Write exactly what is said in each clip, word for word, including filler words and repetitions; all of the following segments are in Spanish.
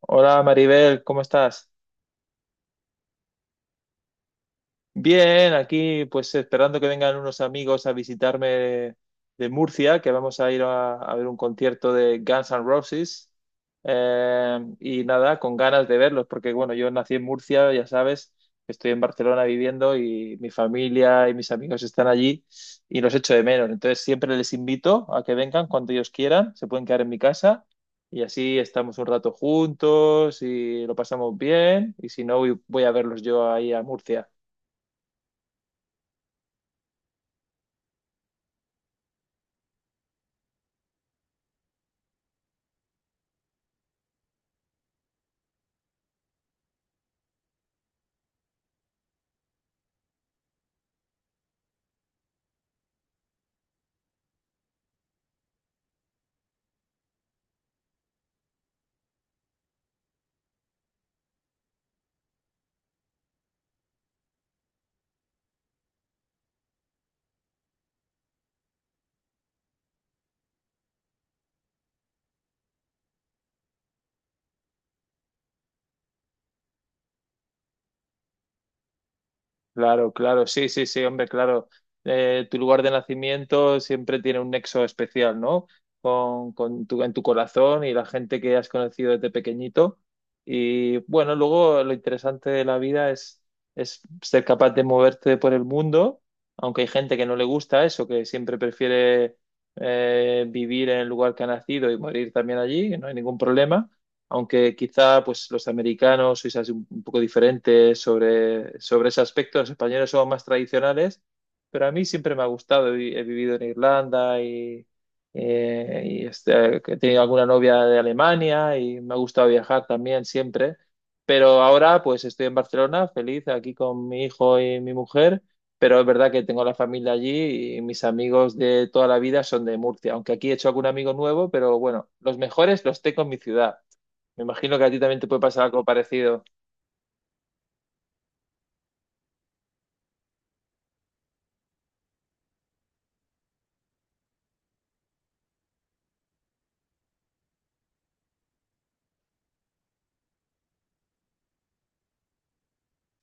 Hola Maribel, ¿cómo estás? Bien, aquí pues esperando que vengan unos amigos a visitarme de, de Murcia, que vamos a ir a, a ver un concierto de Guns N' Roses. Eh, y nada, con ganas de verlos, porque bueno, yo nací en Murcia, ya sabes, estoy en Barcelona viviendo y mi familia y mis amigos están allí y los echo de menos. Entonces siempre les invito a que vengan cuando ellos quieran, se pueden quedar en mi casa y así estamos un rato juntos y lo pasamos bien. Y si no, voy voy a verlos yo ahí a Murcia. Claro, claro, sí, sí, sí, hombre, claro. Eh, tu lugar de nacimiento siempre tiene un nexo especial, ¿no? Con, con tu, en tu corazón y la gente que has conocido desde pequeñito. Y bueno, luego lo interesante de la vida es, es ser capaz de moverte por el mundo, aunque hay gente que no le gusta eso, que siempre prefiere eh, vivir en el lugar que ha nacido y morir también allí, que no hay ningún problema. Aunque quizá pues, los americanos sois así un un poco diferentes sobre, sobre ese aspecto, los españoles somos más tradicionales, pero a mí siempre me ha gustado. He, vi- he vivido en Irlanda y, eh, y, este, he tenido alguna novia de Alemania y me ha gustado viajar también siempre. Pero ahora pues estoy en Barcelona, feliz aquí con mi hijo y mi mujer, pero es verdad que tengo la familia allí y mis amigos de toda la vida son de Murcia, aunque aquí he hecho algún amigo nuevo, pero bueno, los mejores los tengo en mi ciudad. Me imagino que a ti también te puede pasar algo parecido.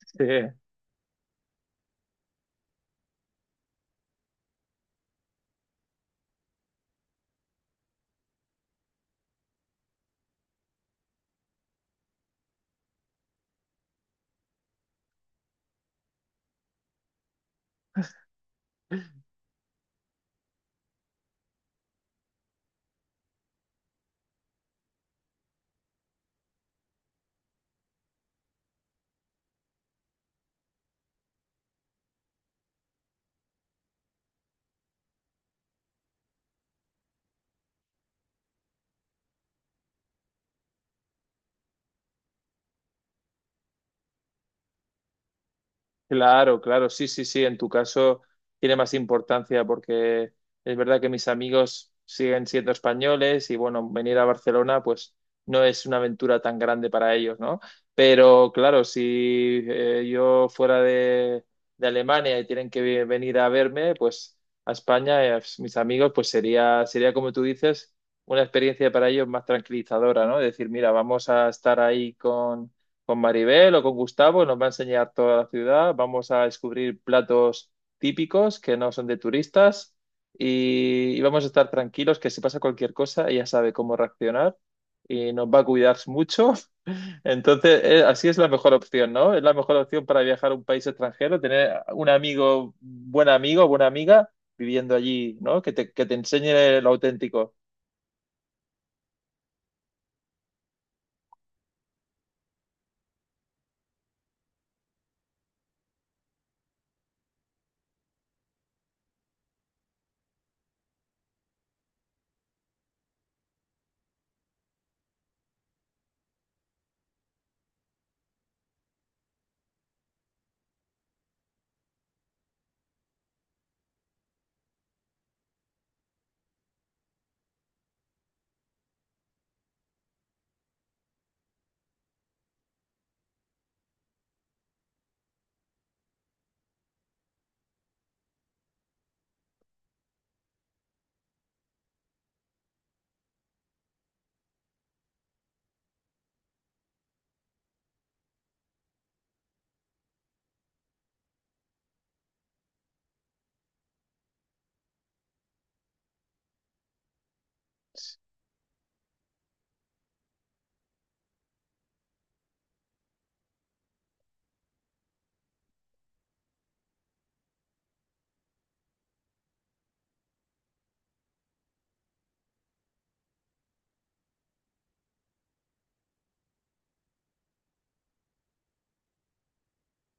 Sí, claro, claro, sí, sí, sí. En tu caso tiene más importancia porque es verdad que mis amigos siguen siendo españoles y bueno, venir a Barcelona pues no es una aventura tan grande para ellos, ¿no? Pero claro, si eh, yo fuera de, de Alemania y tienen que ve- venir a verme, pues a España, eh, pues, mis amigos, pues sería, sería como tú dices, una experiencia para ellos más tranquilizadora, ¿no? Decir, mira, vamos a estar ahí con con Maribel o con Gustavo, nos va a enseñar toda la ciudad, vamos a descubrir platos típicos que no son de turistas y, y vamos a estar tranquilos que si pasa cualquier cosa ella sabe cómo reaccionar y nos va a cuidar mucho. Entonces, eh, así es la mejor opción, ¿no? Es la mejor opción para viajar a un país extranjero, tener un amigo, buen amigo, buena amiga viviendo allí, ¿no? Que te, que te enseñe lo auténtico.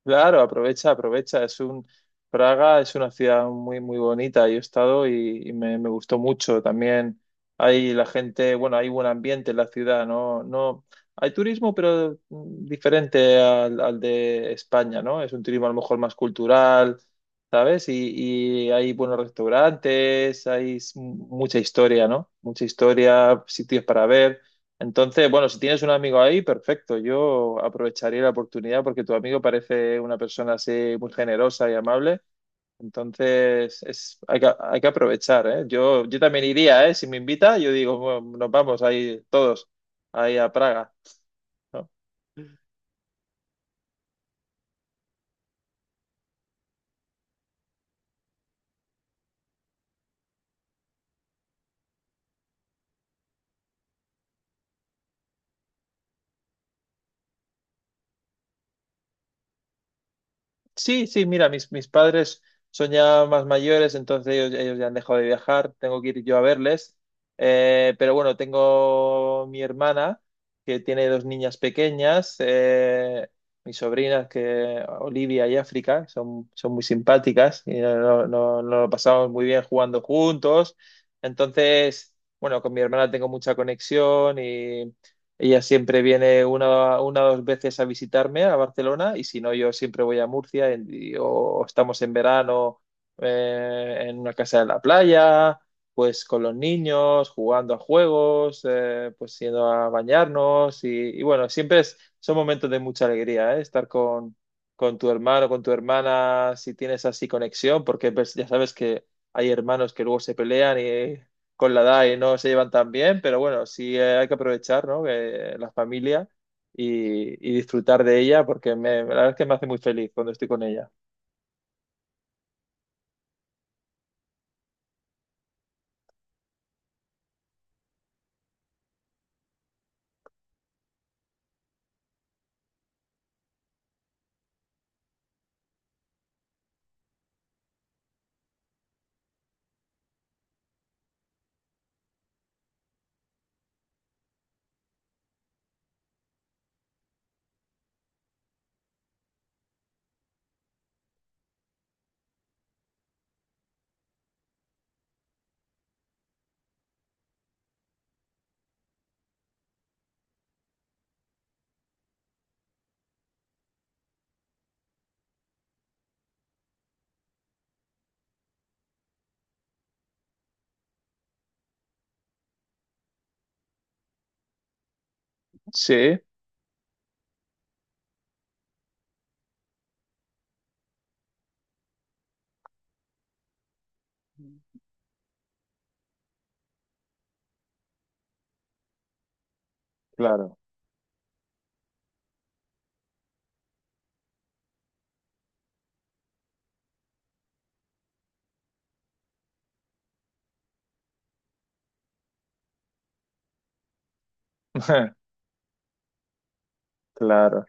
Claro, aprovecha, aprovecha. Es un Praga es una ciudad muy, muy bonita. Yo he estado y, y me, me gustó mucho. También hay la gente, bueno, hay buen ambiente en la ciudad, ¿no? No, hay turismo, pero mm, diferente al, al de España, ¿no? Es un turismo a lo mejor más cultural, ¿sabes? Y, y hay buenos restaurantes, hay s- mucha historia, ¿no? Mucha historia, sitios para ver. Entonces, bueno, si tienes un amigo ahí, perfecto. Yo aprovecharía la oportunidad porque tu amigo parece una persona así muy generosa y amable. Entonces, es, hay que, hay que aprovechar, ¿eh? Yo, yo también iría, ¿eh? Si me invita, yo digo, bueno, nos vamos ahí todos, ahí a Praga, ¿no? Sí, sí, mira, mis, mis padres son ya más mayores, entonces ellos, ellos ya han dejado de viajar, tengo que ir yo a verles. Eh, pero bueno, tengo mi hermana que tiene dos niñas pequeñas, eh, mis sobrinas que Olivia y África, son, son muy simpáticas y no, no, no no lo pasamos muy bien jugando juntos. Entonces, bueno, con mi hermana tengo mucha conexión, ella siempre viene una, una o dos veces a visitarme a Barcelona y si no, yo siempre voy a Murcia en- y- o estamos en verano, eh, en una casa de la playa, pues con los niños, jugando a juegos, eh, pues yendo a bañarnos y, y bueno, siempre es- son momentos de mucha alegría, ¿eh? Estar con, con tu hermano, con tu hermana, si tienes así conexión, porque pues, ya sabes que hay hermanos que luego se pelean y con la edad y no se llevan tan bien, pero bueno, sí, eh, hay que aprovechar, ¿no? Que la familia y, y disfrutar de ella porque me, la verdad es que me hace muy feliz cuando estoy con ella. Sí, claro, claro.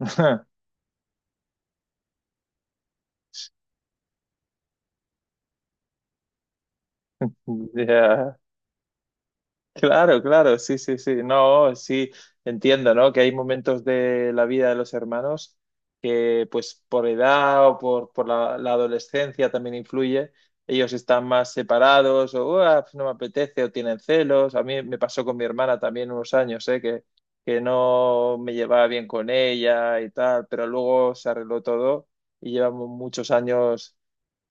Ya. Claro, claro, sí, sí, sí. No, sí, entiendo, ¿no? Que hay momentos de la vida de los hermanos que, pues, por edad o por, por la, la adolescencia también influye. Ellos están más separados o "Uah, pues, no me apetece o tienen celos. A mí me pasó con mi hermana también unos años, ¿eh? Que, que no me llevaba bien con ella y tal, pero luego se arregló todo y llevamos muchos años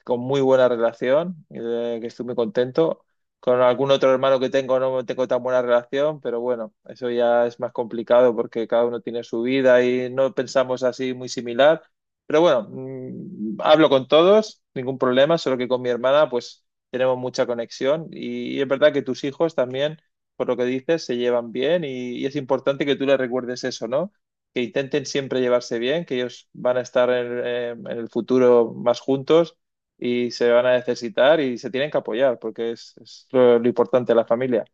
con muy buena relación, eh, que estoy muy contento. Con algún otro hermano que tengo no tengo tan buena relación, pero bueno, eso ya es más complicado porque cada uno tiene su vida y no pensamos así muy similar. Pero bueno, mm, hablo con todos, ningún problema, solo que con mi hermana pues tenemos mucha conexión y, y es verdad que tus hijos también, por lo que dices, se llevan bien y, y es importante que tú les recuerdes eso, ¿no? Que intenten siempre llevarse bien, que ellos van a estar en en- en el futuro más juntos y se van a necesitar y se tienen que apoyar porque es, es lo, lo importante de la familia.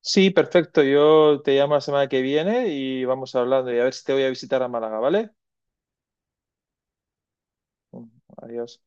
Sí, perfecto. Yo te llamo la semana que viene y vamos hablando y a ver si te voy a visitar a Málaga, ¿vale? Mm, adiós.